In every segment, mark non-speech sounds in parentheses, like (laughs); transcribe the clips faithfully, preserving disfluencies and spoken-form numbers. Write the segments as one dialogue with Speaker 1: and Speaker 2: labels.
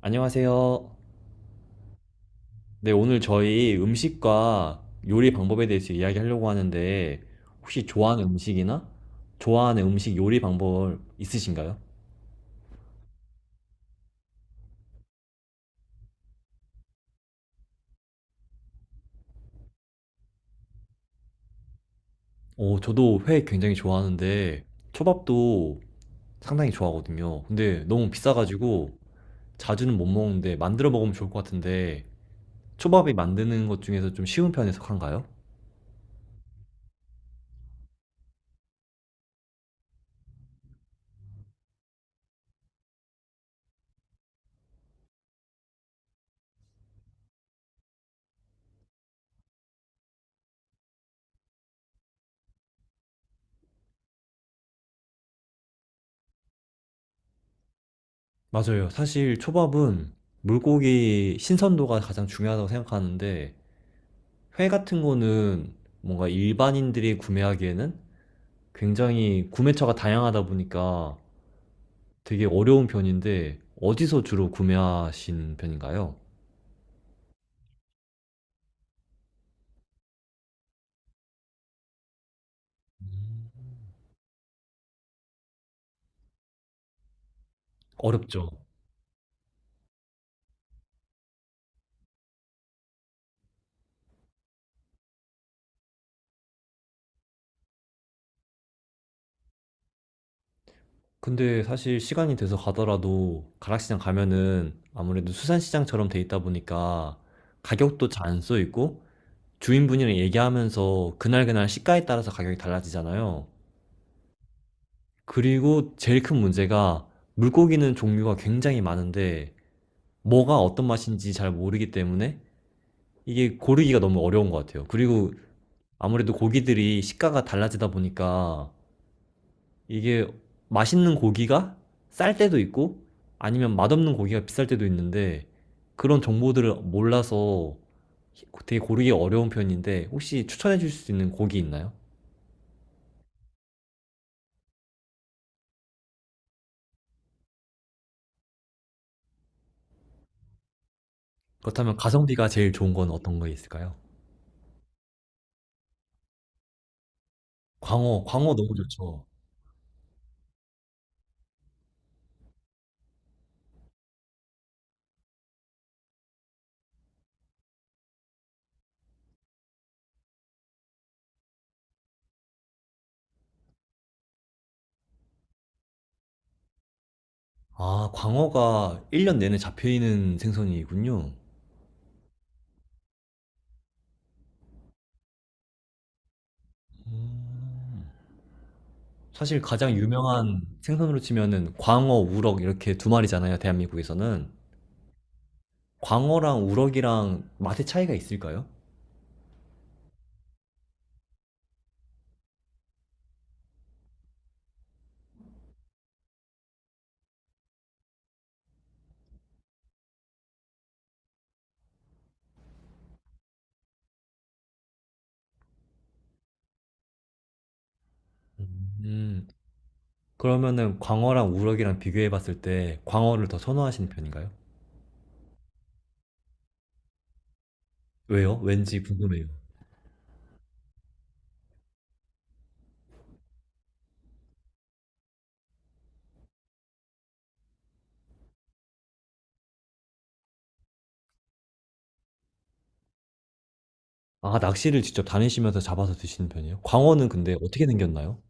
Speaker 1: 안녕하세요. 네, 오늘 저희 음식과 요리 방법에 대해서 이야기하려고 하는데, 혹시 좋아하는 음식이나 좋아하는 음식 요리 방법 있으신가요? 어, 저도 회 굉장히 좋아하는데, 초밥도 상당히 좋아하거든요. 근데 너무 비싸가지고 자주는 못 먹는데 만들어 먹으면 좋을 것 같은데, 초밥이 만드는 것 중에서 좀 쉬운 편에 속한가요? 맞아요. 사실 초밥은 물고기 신선도가 가장 중요하다고 생각하는데, 회 같은 거는 뭔가 일반인들이 구매하기에는 굉장히 구매처가 다양하다 보니까 되게 어려운 편인데 어디서 주로 구매하신 편인가요? 어렵죠. 근데 사실 시간이 돼서 가더라도 가락시장 가면은 아무래도 수산시장처럼 돼 있다 보니까 가격도 잘 안 써 있고, 주인분이랑 얘기하면서 그날그날 시가에 따라서 가격이 달라지잖아요. 그리고 제일 큰 문제가, 물고기는 종류가 굉장히 많은데 뭐가 어떤 맛인지 잘 모르기 때문에 이게 고르기가 너무 어려운 것 같아요. 그리고 아무래도 고기들이 식가가 달라지다 보니까, 이게 맛있는 고기가 쌀 때도 있고, 아니면 맛없는 고기가 비쌀 때도 있는데, 그런 정보들을 몰라서 되게 고르기 어려운 편인데, 혹시 추천해 주실 수 있는 고기 있나요? 그렇다면 가성비가 제일 좋은 건 어떤 거 있을까요? 광어, 광어 너무 좋죠. 아, 광어가 일 년 내내 잡혀있는 생선이군요. 음. 사실 가장 유명한 생선으로 치면은 광어, 우럭 이렇게 두 마리잖아요, 대한민국에서는. 광어랑 우럭이랑 맛의 차이가 있을까요? 음, 그러면은 광어랑 우럭이랑 비교해 봤을 때 광어를 더 선호하시는 편인가요? 왜요? 왠지 궁금해요. 아, 낚시를 직접 다니시면서 잡아서 드시는 편이에요? 광어는 근데 어떻게 생겼나요?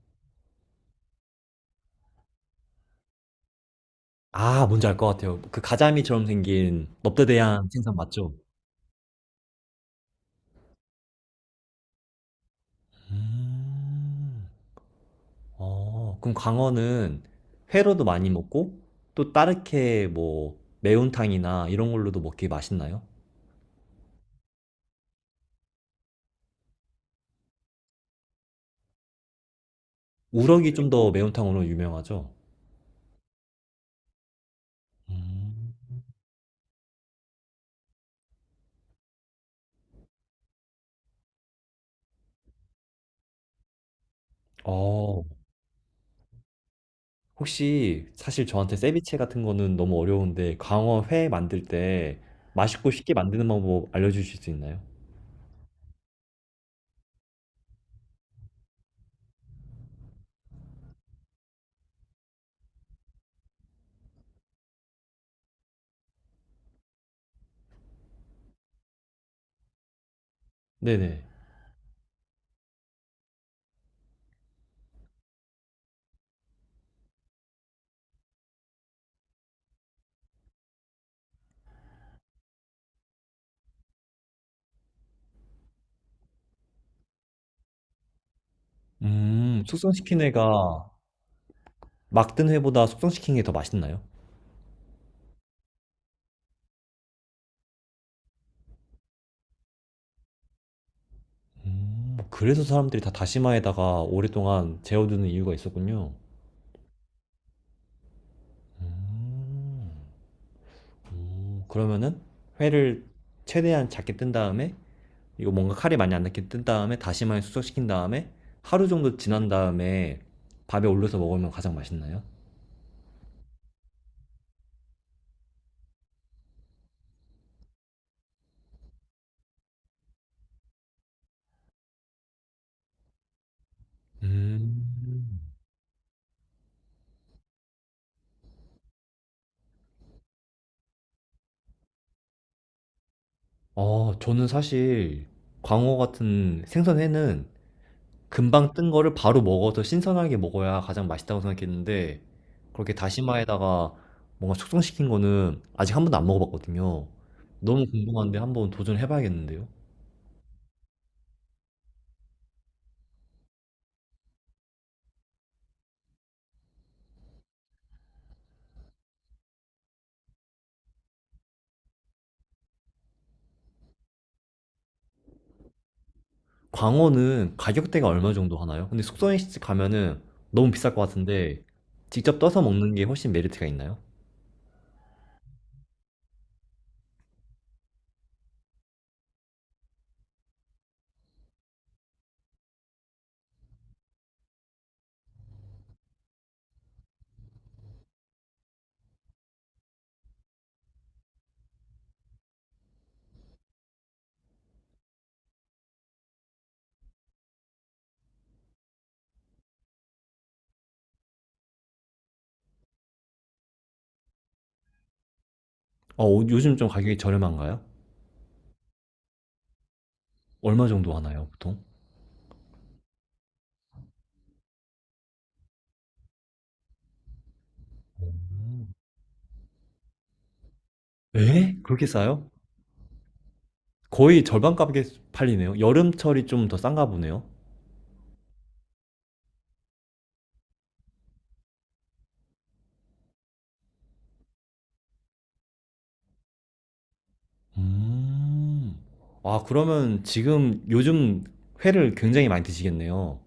Speaker 1: 아, 뭔지 알 것 같아요. 그 가자미처럼 생긴 넙대대한 생선 맞죠? 음. 어, 그럼 강어는 회로도 많이 먹고, 또 다르게 뭐 매운탕이나 이런 걸로도 먹기 맛있나요? 우럭이 좀 더 매운탕으로 유명하죠? 음. 어, 혹시 사실 저한테 세비체 같은 거는 너무 어려운데, 강어 회 만들 때 맛있고 쉽게 만드는 방법 알려주실 수 있나요? 네네. 음, 숙성시킨 회가, 막든 회보다 숙성시킨 게 더 맛있나요? 음, 그래서 사람들이 다 다시마에다가 오랫동안 재워두는 이유가 있었군요. 음. 음, 그러면은 회를 최대한 작게 뜬 다음에, 이거 뭔가 칼이 많이 안 닿게 뜬 다음에 다시마에 숙성시킨 다음에 하루 정도 지난 다음에 밥에 올려서 먹으면 가장 맛있나요? 음. 어, 저는 사실 광어 같은 생선회는 금방 뜬 거를 바로 먹어서 신선하게 먹어야 가장 맛있다고 생각했는데, 그렇게 다시마에다가 뭔가 숙성시킨 거는 아직 한 번도 안 먹어봤거든요. 너무 궁금한데 한번 도전해봐야겠는데요? 광어는 가격대가 얼마 정도 하나요? 근데 숙성식집 가면은 너무 비쌀 것 같은데, 직접 떠서 먹는 게 훨씬 메리트가 있나요? 어, 오- 요즘 좀 가격이 저렴한가요? 얼마 정도 하나요, 보통? 에? 그렇게 싸요? 거의 절반 값에 팔리네요. 여름철이 좀 더 싼가 보네요. 음. 아, 그러면 지금 요즘 회를 굉장히 많이 드시겠네요.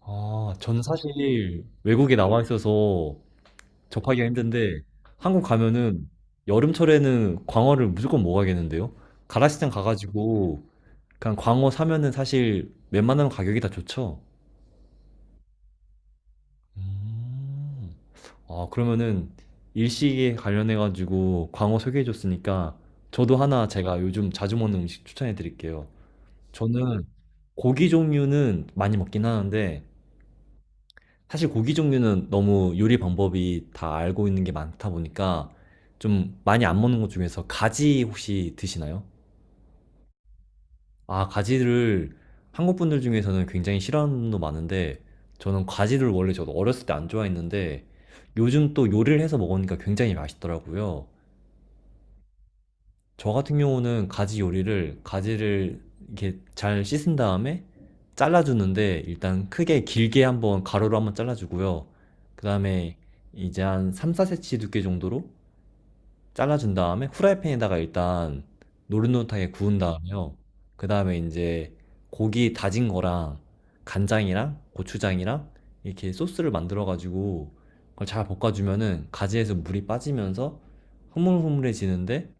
Speaker 1: 아, 저는 사실 외국에 나와 있어서 접하기가 힘든데, 한국 가면은 여름철에는 광어를 무조건 먹어야겠는데요? 가라시장 가가지고 그냥 광어 사면은 사실 웬만하면 가격이 다 좋죠. 음. 아, 그러면은 일식에 관련해가지고 광어 소개해줬으니까, 저도 하나 제가 요즘 자주 먹는 음식 추천해드릴게요. 저는 고기 종류는 많이 먹긴 하는데, 사실 고기 종류는 너무 요리 방법이 다 알고 있는 게 많다 보니까 좀 많이 안 먹는 것 중에서, 가지 혹시 드시나요? 아, 가지를 한국 분들 중에서는 굉장히 싫어하는 분도 많은데, 저는 가지를 원래, 저도 어렸을 때 안 좋아했는데 요즘 또 요리를 해서 먹으니까 굉장히 맛있더라고요. 저 같은 경우는 가지 요리를, 가지를 이렇게 잘 씻은 다음에 잘라주는데, 일단 크게 길게 한번 가로로 한번 잘라주고요. 그 다음에 이제 한 삼, 사 센티미터 두께 정도로 잘라준 다음에, 후라이팬에다가 일단 노릇노릇하게 구운 다음에요. 그 다음에 이제 고기 다진 거랑 간장이랑 고추장이랑 이렇게 소스를 만들어가지고 그걸 잘 볶아주면은, 가지에서 물이 빠지면서 흐물흐물해지는데,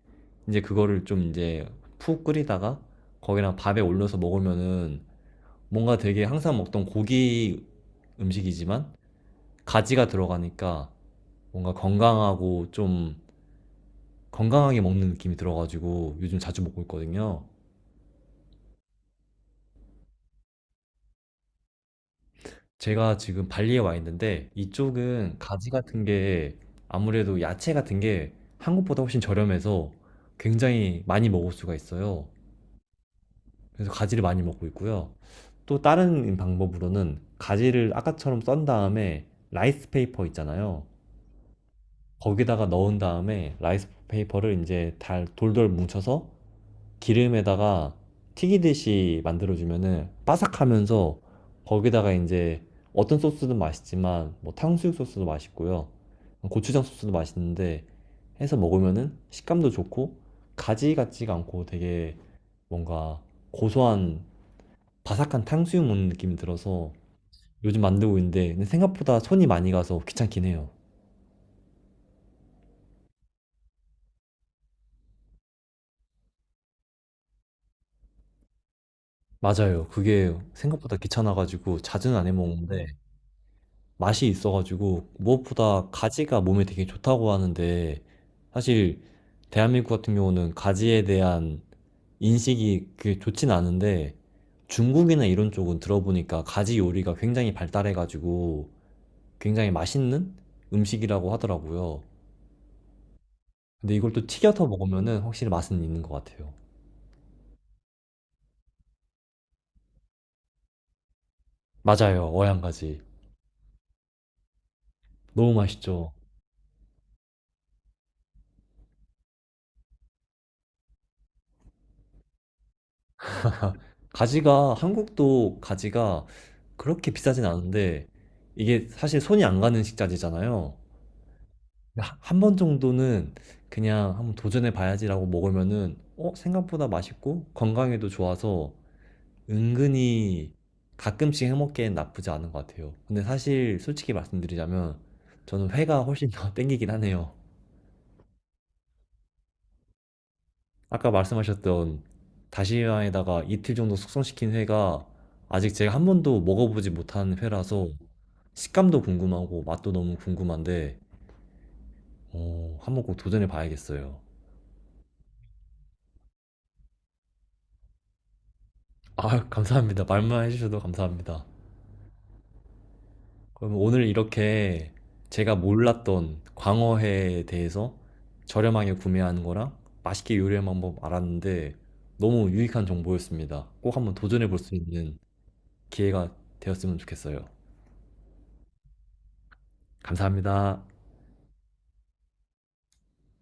Speaker 1: 이제 그거를 좀 이제 푹 끓이다가 거기랑 밥에 올려서 먹으면은, 뭔가 되게 항상 먹던 고기 음식이지만 가지가 들어가니까 뭔가 건강하고, 좀 건강하게 먹는 느낌이 들어가지고 요즘 자주 먹고 있거든요. 제가 지금 발리에 와 있는데, 이쪽은 가지 같은 게, 아무래도 야채 같은 게 한국보다 훨씬 저렴해서 굉장히 많이 먹을 수가 있어요. 그래서 가지를 많이 먹고 있고요. 또 다른 방법으로는, 가지를 아까처럼 썬 다음에, 라이스 페이퍼 있잖아요. 거기다가 넣은 다음에 라이스 페이퍼를 이제 달, 돌돌 뭉쳐서 기름에다가 튀기듯이 만들어주면은 바삭하면서, 거기다가 이제 어떤 소스든 맛있지만, 뭐 탕수육 소스도 맛있고요. 고추장 소스도 맛있는데, 해서 먹으면은 식감도 좋고, 가지 같지가 않고 되게 뭔가 고소한, 바삭한 탕수육 먹는 느낌이 들어서 요즘 만들고 있는데, 근데 생각보다 손이 많이 가서 귀찮긴 해요. 맞아요. 그게 생각보다 귀찮아가지고 자주는 안 해먹는데, 맛이 있어가지고. 무엇보다 가지가 몸에 되게 좋다고 하는데, 사실 대한민국 같은 경우는 가지에 대한 인식이 그게 좋진 않은데, 중국이나 이런 쪽은 들어보니까 가지 요리가 굉장히 발달해가지고 굉장히 맛있는 음식이라고 하더라고요. 근데 이걸 또 튀겨서 먹으면은 확실히 맛은 있는 것 같아요. 맞아요, 어양가지. 너무 맛있죠. 가지가, 한국도 가지가 그렇게 비싸진 않은데, 이게 사실 손이 안 가는 식자재잖아요. 한 번 정도는 그냥 한번 도전해 봐야지라고 먹으면은, 어 생각보다 맛있고 건강에도 좋아서, 은근히 가끔씩 해먹기엔 나쁘지 않은 것 같아요. 근데 사실 솔직히 말씀드리자면, 저는 회가 훨씬 더 (laughs) 땡기긴 하네요. 아까 말씀하셨던 다시마에다가 이틀 정도 숙성시킨 회가, 아직 제가 한 번도 먹어보지 못한 회라서 식감도 궁금하고 맛도 너무 궁금한데, 어, 한번 꼭 도전해 봐야겠어요. 아, 감사합니다. 말만 해주셔도 감사합니다. 그럼 오늘 이렇게 제가 몰랐던 광어회에 대해서 저렴하게 구매하는 거랑 맛있게 요리하는 방법 알았는데, 너무 유익한 정보였습니다. 꼭 한번 도전해 볼 수 있는 기회가 되었으면 좋겠어요. 감사합니다.